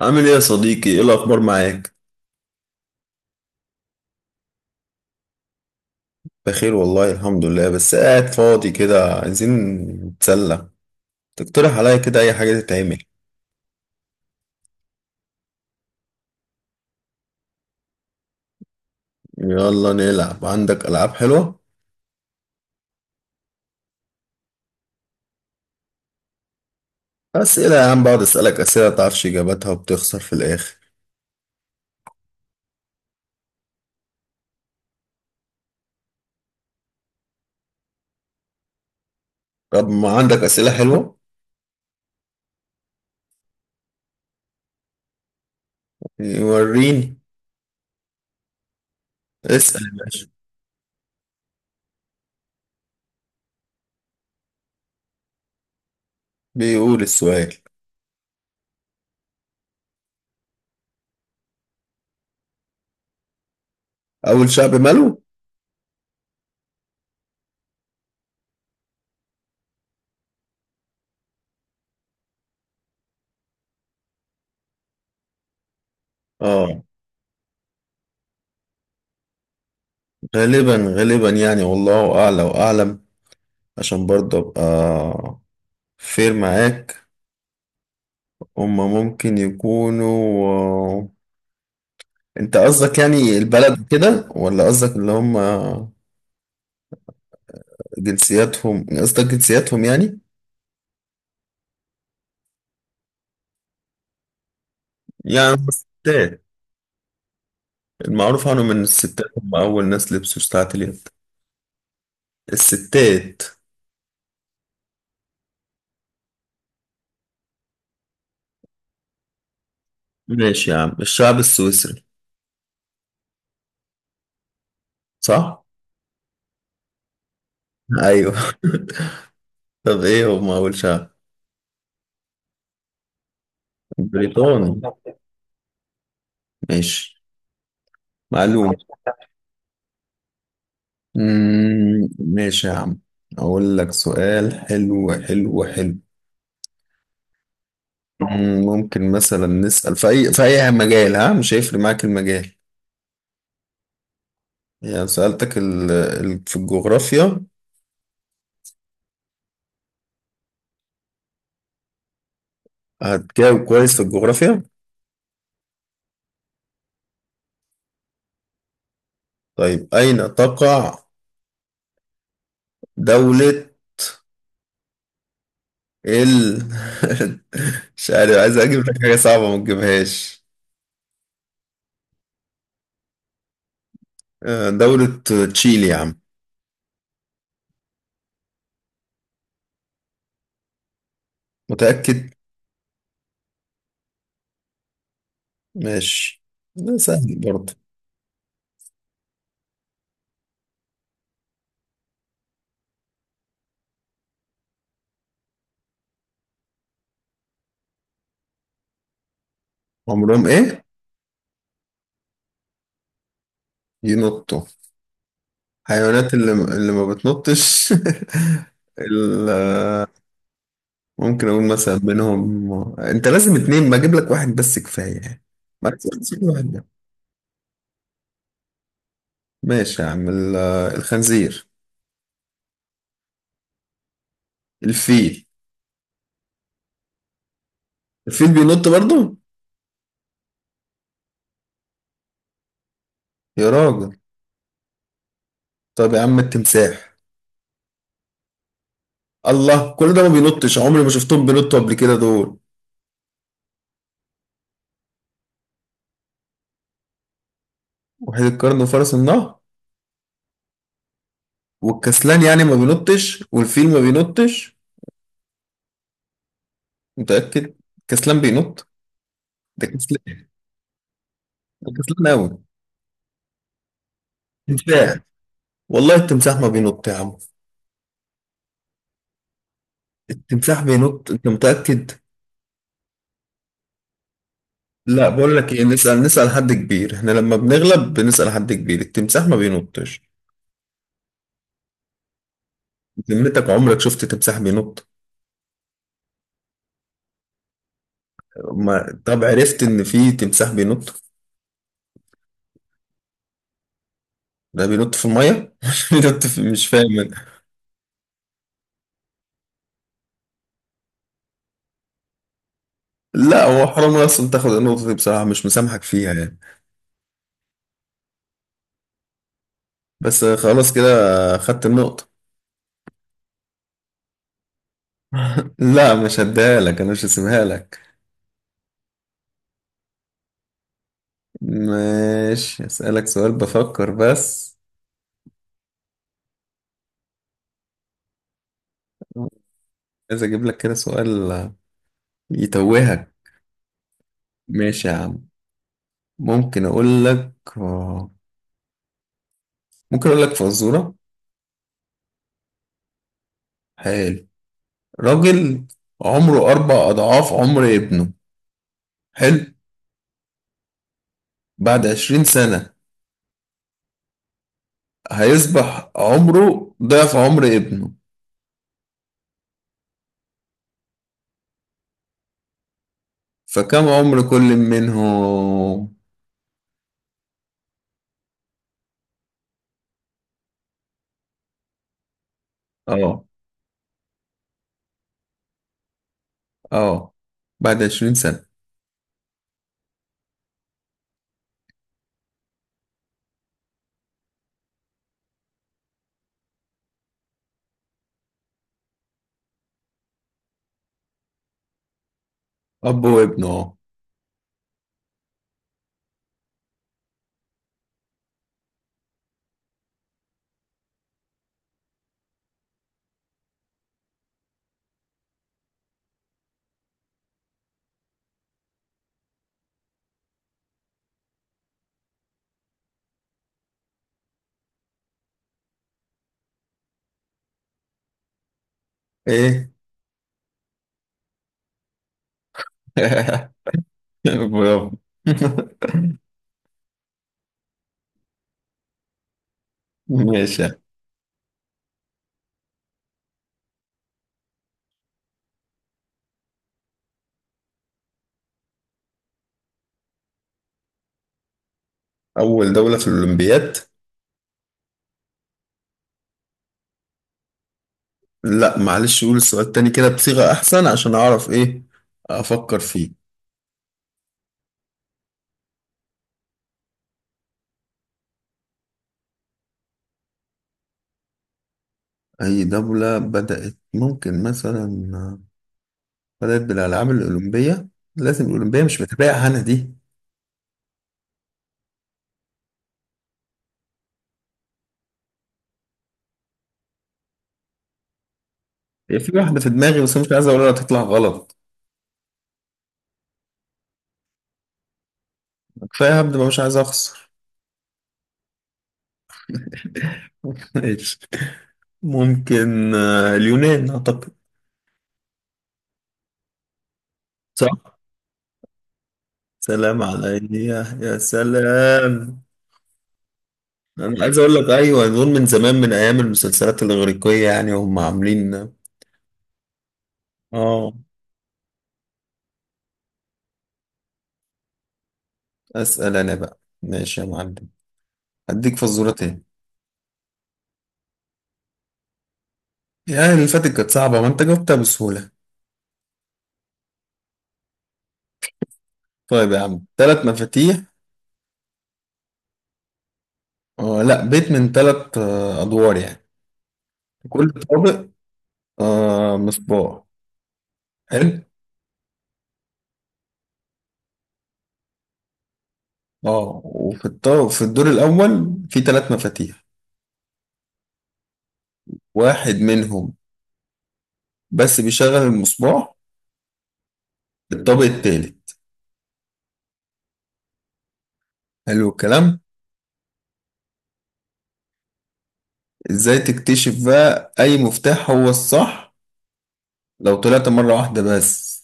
عامل ايه يا صديقي؟ ايه الاخبار معاك؟ بخير والله، الحمد لله. بس قاعد فاضي كده، عايزين نتسلى. تقترح عليا كده اي حاجه تتعمل؟ يلا نلعب، عندك العاب حلوه؟ اسئله يا عم! بقعد اسالك اسئله متعرفش اجاباتها وبتخسر في الاخر. طب ما عندك اسئله حلوه؟ وريني، اسال. بيقول السؤال، اول شعب ماله؟ اه، غالبا غالبا يعني، والله اعلى واعلم. عشان برضه ابقى فير معاك. هما ممكن يكونوا انت قصدك يعني البلد كده ولا قصدك اللي هما جنسياتهم؟ قصدك جنسياتهم يعني. يعني هما الستات؟ المعروف عنهم ان الستات هم اول ناس لبسوا ساعات اليد. الستات. ماشي يا عم، الشعب السويسري. صح؟ ايوه. طب ايه هم اول شعب؟ بريطاني؟ ماشي، معلوم. ماشي يا عم، اقول لك سؤال حلو حلو حلو. ممكن مثلا نسأل في أي في أي مجال، ها؟ مش هيفرق معاك المجال؟ يعني سألتك في الجغرافيا، هتجاوب كويس في الجغرافيا؟ طيب، أين تقع دولة ال مش عارف، عايز أجيب لك حاجة صعبة ما تجيبهاش. دولة تشيلي يا عم. متأكد؟ ماشي، ده سهل برضه. عمرهم إيه؟ ينطوا. حيوانات اللي ما بتنطش ال- ممكن اقول مثلا منهم، انت لازم اتنين؟ ما اجيب لك واحد بس كفاية يعني. ما تسيب واحد ده. ماشي يا عم الخنزير. الفيل. الفيل بينط برضه؟ يا راجل! طب يا عم التمساح. الله! كل ده ما بينطش؟ عمري ما شفتهم بينطوا قبل كده دول. وحيد القرن وفرس النهر والكسلان يعني ما بينطش، والفيل ما بينطش. متأكد الكسلان بينط؟ ده كسلان، ده كسلان قوي. تمساح، والله التمساح ما بينط يا عم. التمساح بينط، انت متأكد؟ لا بقول لك ايه، نسأل نسأل حد كبير، احنا لما بنغلب بنسأل حد كبير. التمساح ما بينطش. ذمتك عمرك شفت تمساح بينط؟ ما طب عرفت ان في تمساح بينط؟ ده بينط في المية بينط مش فاهم أنا. لا هو حرام اصلا تاخد النقطة دي بصراحة، مش مسامحك فيها يعني. بس خلاص كده، خدت النقطة. لا مش هديها لك، انا مش هسيبها لك. ماشي هسألك سؤال، بفكر بس. عايز اجيب لك كده سؤال يتوهك. ماشي يا عم. ممكن اقول لك ممكن اقول لك فزورة؟ حلو. راجل عمره 4 أضعاف عمر ابنه، حلو. بعد 20 سنة هيصبح عمره ضعف عمر ابنه. فكم عمر كل منهم؟ اه. اه، بعد 20 سنة. اب وابنه، اه. ايه؟ برافو! ماشي. اول دولة في الاولمبياد؟ لا معلش، قول السؤال تاني كده بصيغة أحسن عشان أعرف إيه أفكر فيه. أي دولة بدأت، ممكن مثلا بدأت بالألعاب الأولمبية؟ لازم الأولمبية مش بتبقى أنا دي. هي في واحدة في دماغي بس مش عايز أقولها تطلع غلط. كفاية، هبدأ بقى، مش عايز أخسر. ماشي، ممكن اليونان أعتقد. صح؟ سلام عليا! يا سلام! أنا عايز أقول لك أيوه، دول من زمان من أيام المسلسلات الإغريقية يعني، هم عاملين. آه. اسال انا بقى، ماشي يا معلم، هديك فزوره تاني. يعني اللي فاتت كانت صعبه ما انت جاوبتها بسهوله. طيب يا عم، 3 مفاتيح، لا بيت من ثلاث ادوار يعني. كل طابق مصباح. حلو. اه، وفي الطابق في الدور الاول في 3 مفاتيح، واحد منهم بس بيشغل المصباح في الطابق الثالث. حلو الكلام. ازاي تكتشف بقى اي مفتاح هو الصح لو طلعت مره واحده بس؟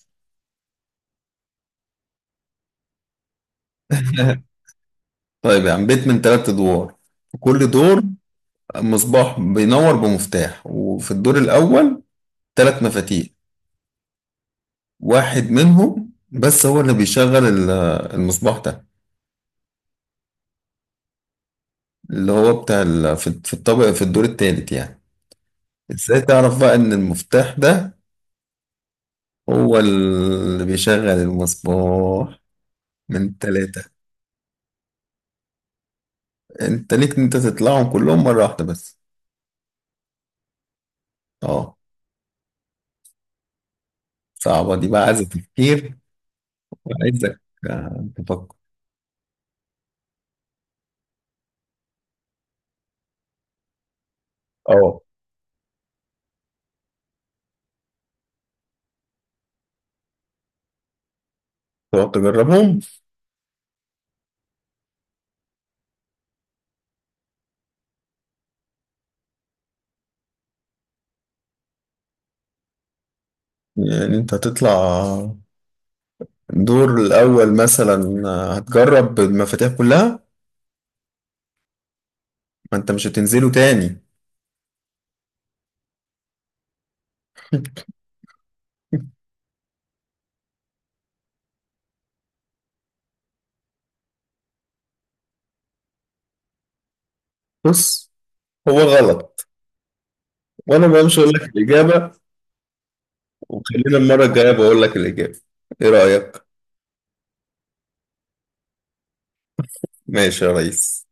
طيب، يعني بيت من 3 ادوار، في كل دور مصباح بينور بمفتاح، وفي الدور الاول 3 مفاتيح، واحد منهم بس هو اللي بيشغل المصباح ده، اللي هو بتاع في الطابق في الدور الثالث يعني. ازاي تعرف بقى ان المفتاح ده هو اللي بيشغل المصباح من 3؟ انت ليك ان انت تطلعهم كلهم مرة واحدة بس. اه. صعبة دي بقى، عايزة تفكير. وعايزك تفكر. اه. تقعد تجربهم؟ يعني انت هتطلع الدور الاول مثلا هتجرب المفاتيح كلها؟ ما انت مش هتنزله تاني؟ بص، هو غلط، وانا ما مش هقول لك الاجابه، وخلينا المره الجايه بقول لك الاجابه. ايه رايك؟ ماشي يا ريس.